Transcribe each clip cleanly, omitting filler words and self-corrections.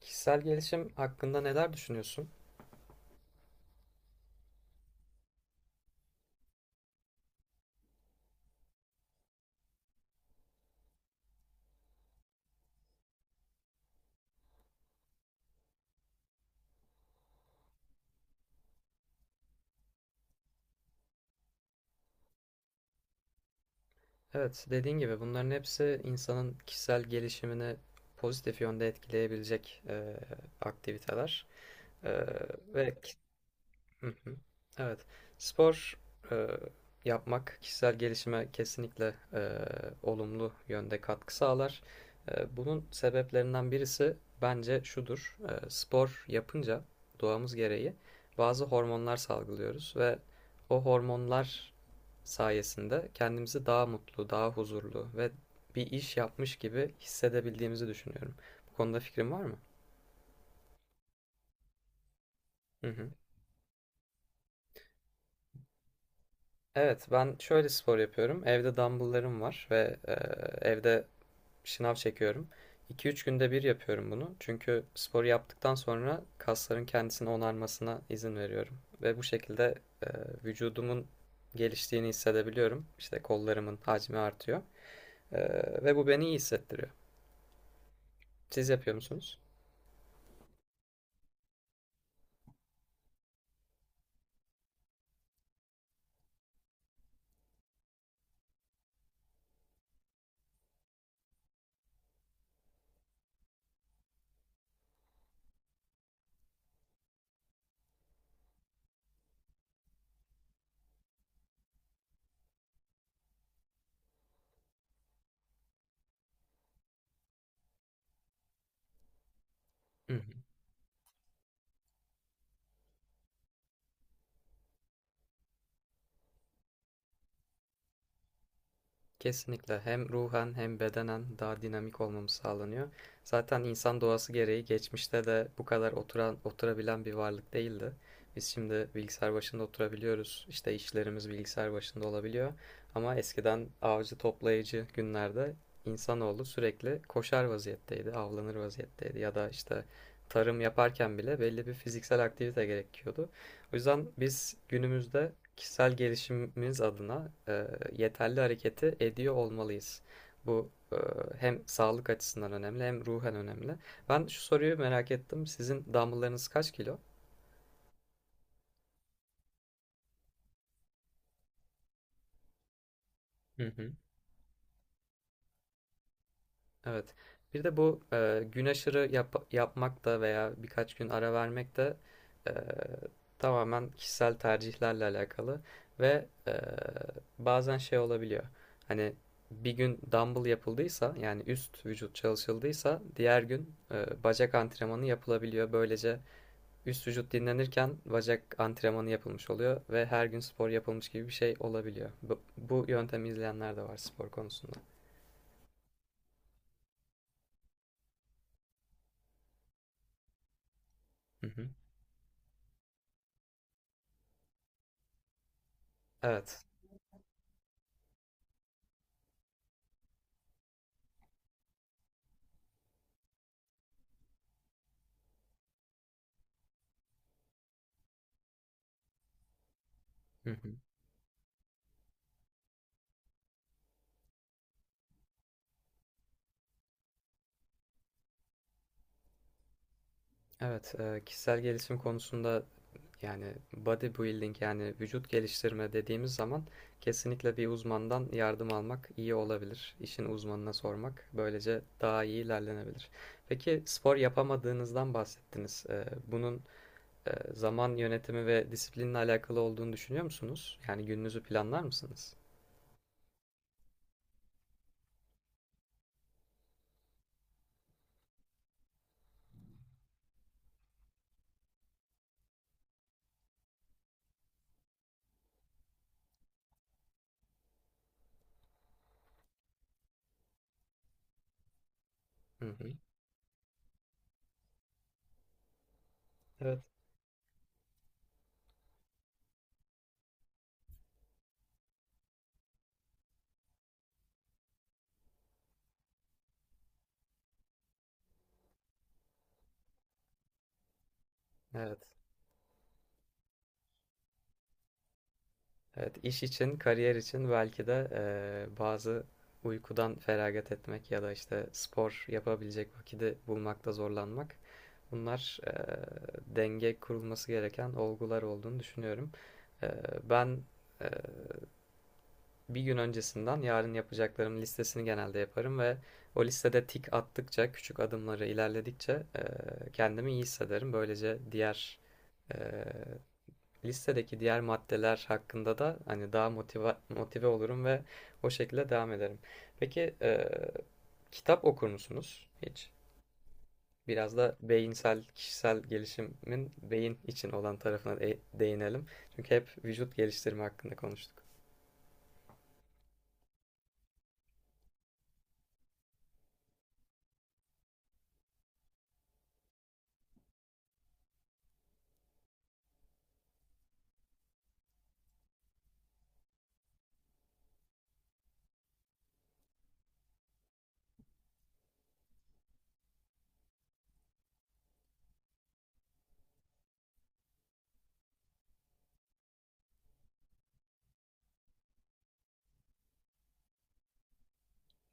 Kişisel gelişim hakkında neler düşünüyorsun? Evet, dediğin gibi bunların hepsi insanın kişisel gelişimini pozitif yönde etkileyebilecek aktiviteler. E, ve Hı hı. Evet, spor e, yapmak kişisel gelişime kesinlikle olumlu yönde katkı sağlar. Bunun sebeplerinden birisi bence şudur. Spor yapınca doğamız gereği bazı hormonlar salgılıyoruz ve o hormonlar sayesinde kendimizi daha mutlu, daha huzurlu ve bir iş yapmış gibi hissedebildiğimizi düşünüyorum. Bu konuda fikrin var mı? Hı hı. Evet, ben şöyle spor yapıyorum. Evde dumbbell'larım var ve evde şınav çekiyorum. 2 üç günde bir yapıyorum bunu. Çünkü sporu yaptıktan sonra kasların kendisini onarmasına izin veriyorum. Ve bu şekilde e, vücudumun geliştiğini hissedebiliyorum. İşte kollarımın hacmi artıyor. E, Ve bu beni iyi hissettiriyor. Siz yapıyor musunuz? Kesinlikle hem ruhen hem bedenen daha dinamik olmamız sağlanıyor. Zaten insan doğası gereği geçmişte de bu kadar oturan oturabilen bir varlık değildi. Biz şimdi bilgisayar başında oturabiliyoruz. İşte işlerimiz bilgisayar başında olabiliyor. Ama eskiden avcı toplayıcı günlerde insanoğlu sürekli koşar vaziyetteydi, avlanır vaziyetteydi ya da işte tarım yaparken bile belli bir fiziksel aktivite gerekiyordu. O yüzden biz günümüzde kişisel gelişimimiz adına yeterli hareketi ediyor olmalıyız. Bu hem sağlık açısından önemli hem ruhen önemli. Ben şu soruyu merak ettim. Sizin dumbbell'larınız kaç kilo? Hı hı. Evet. Bir de bu gün aşırı yapmak da veya birkaç gün ara vermek de e, tamamen kişisel tercihlerle alakalı ve bazen şey olabiliyor. Hani bir gün dumbbell yapıldıysa yani üst vücut çalışıldıysa diğer gün bacak antrenmanı yapılabiliyor. Böylece üst vücut dinlenirken bacak antrenmanı yapılmış oluyor ve her gün spor yapılmış gibi bir şey olabiliyor. Bu yöntemi izleyenler de var spor konusunda. Hı hı. Evet. Hı hı. Evet, kişisel gelişim konusunda yani bodybuilding yani vücut geliştirme dediğimiz zaman kesinlikle bir uzmandan yardım almak iyi olabilir. İşin uzmanına sormak böylece daha iyi ilerlenebilir. Peki spor yapamadığınızdan bahsettiniz. Bunun zaman yönetimi ve disiplinle alakalı olduğunu düşünüyor musunuz? Yani gününüzü planlar mısınız? Hı hı. Evet. Evet. Evet, iş için, kariyer için belki de bazı uykudan feragat etmek ya da işte spor yapabilecek vakiti bulmakta zorlanmak. Bunlar denge kurulması gereken olgular olduğunu düşünüyorum. Eee, Ben eee, bir gün öncesinden yarın yapacaklarım listesini genelde yaparım ve o listede tik attıkça, küçük adımları ilerledikçe kendimi iyi hissederim. Böylece diğer eee, listedeki diğer maddeler hakkında da hani daha motive olurum ve o şekilde devam ederim. Peki kitap okur musunuz hiç? Biraz da beyinsel, kişisel gelişimin beyin için olan tarafına değinelim. Çünkü hep vücut geliştirme hakkında konuştuk.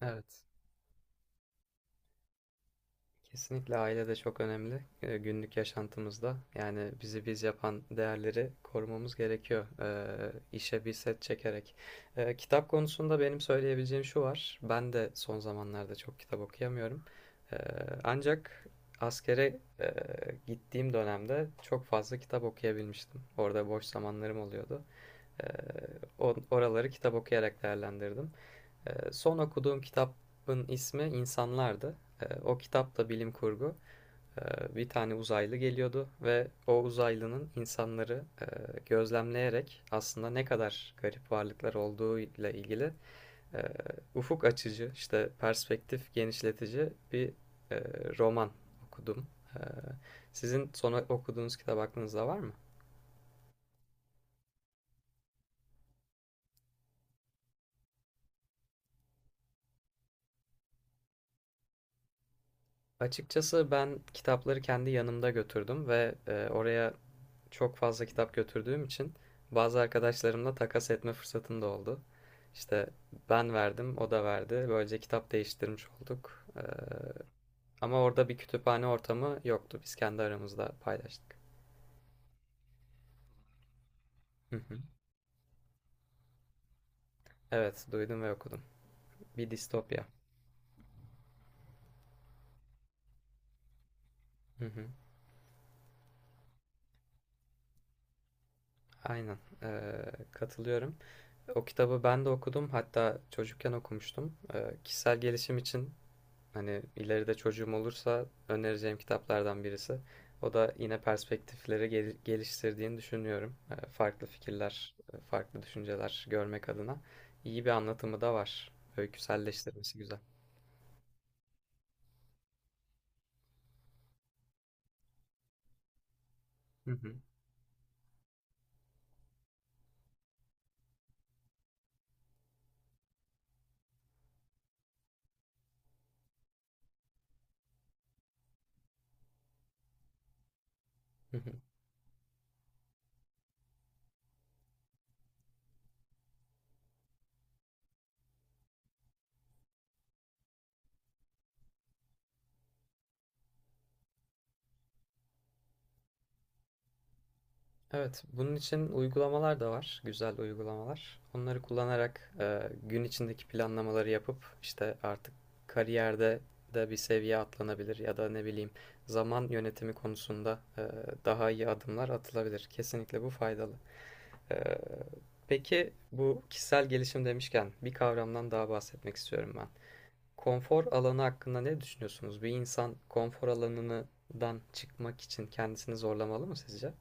Evet. Kesinlikle aile de çok önemli günlük yaşantımızda. Yani bizi biz yapan değerleri korumamız gerekiyor işe bir set çekerek. Kitap konusunda benim söyleyebileceğim şu var. Ben de son zamanlarda çok kitap okuyamıyorum. E, Ancak askere gittiğim dönemde çok fazla kitap okuyabilmiştim. Orada boş zamanlarım oluyordu. E, Oraları kitap okuyarak değerlendirdim. Son okuduğum kitabın ismi İnsanlardı. O kitap da bilim kurgu. Bir tane uzaylı geliyordu ve o uzaylının insanları gözlemleyerek aslında ne kadar garip varlıklar olduğuyla ilgili e, ufuk açıcı, işte perspektif genişletici bir e, roman okudum. Ee, Sizin son okuduğunuz kitap aklınızda var mı? Açıkçası ben kitapları kendi yanımda götürdüm ve oraya çok fazla kitap götürdüğüm için bazı arkadaşlarımla takas etme fırsatım da oldu. İşte ben verdim, o da verdi. Böylece kitap değiştirmiş olduk. Ama orada bir kütüphane ortamı yoktu. Biz kendi aramızda paylaştık. Hı hı. Evet, duydum ve okudum. Bir distopya. Hı hı. Aynen. Katılıyorum. O kitabı ben de okudum. Hatta çocukken okumuştum. Kişisel gelişim için hani ileride çocuğum olursa önereceğim kitaplardan birisi. O da yine perspektifleri geliştirdiğini düşünüyorum. Farklı fikirler, farklı düşünceler görmek adına iyi bir anlatımı da var. Öyküselleştirmesi güzel. Hı hı. Hı hı. Evet, bunun için uygulamalar da var, güzel uygulamalar. Onları kullanarak gün içindeki planlamaları yapıp işte artık kariyerde de bir seviye atlanabilir ya da ne bileyim zaman yönetimi konusunda daha iyi adımlar atılabilir. Kesinlikle bu faydalı. E, peki bu kişisel gelişim demişken bir kavramdan daha bahsetmek istiyorum ben. Konfor alanı hakkında ne düşünüyorsunuz? Bir insan konfor alanından çıkmak için kendisini zorlamalı mı sizce?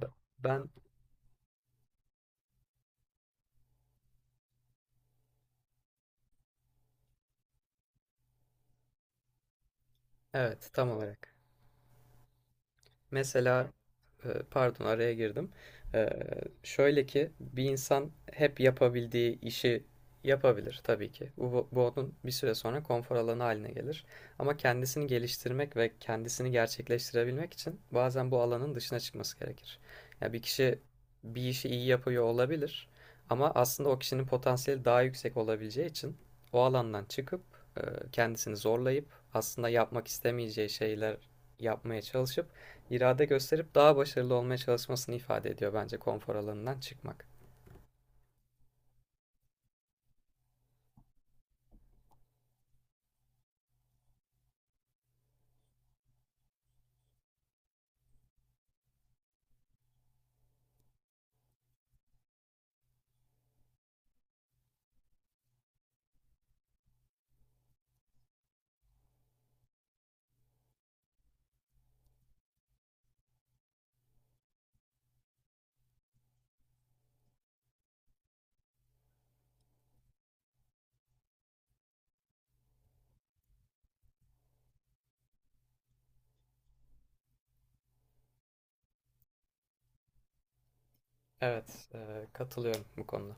Be- Ben Evet, tam olarak. Mesela Pardon araya girdim. Ee, Şöyle ki bir insan hep yapabildiği işi yapabilir tabii ki. Bu onun bir süre sonra konfor alanı haline gelir. Ama kendisini geliştirmek ve kendisini gerçekleştirebilmek için bazen bu alanın dışına çıkması gerekir. Ya bir kişi bir işi iyi yapıyor olabilir ama aslında o kişinin potansiyeli daha yüksek olabileceği için o alandan çıkıp e, kendisini zorlayıp aslında yapmak istemeyeceği şeyler yapmaya çalışıp irade gösterip daha başarılı olmaya çalışmasını ifade ediyor bence konfor alanından çıkmak. Evet, katılıyorum bu konuda.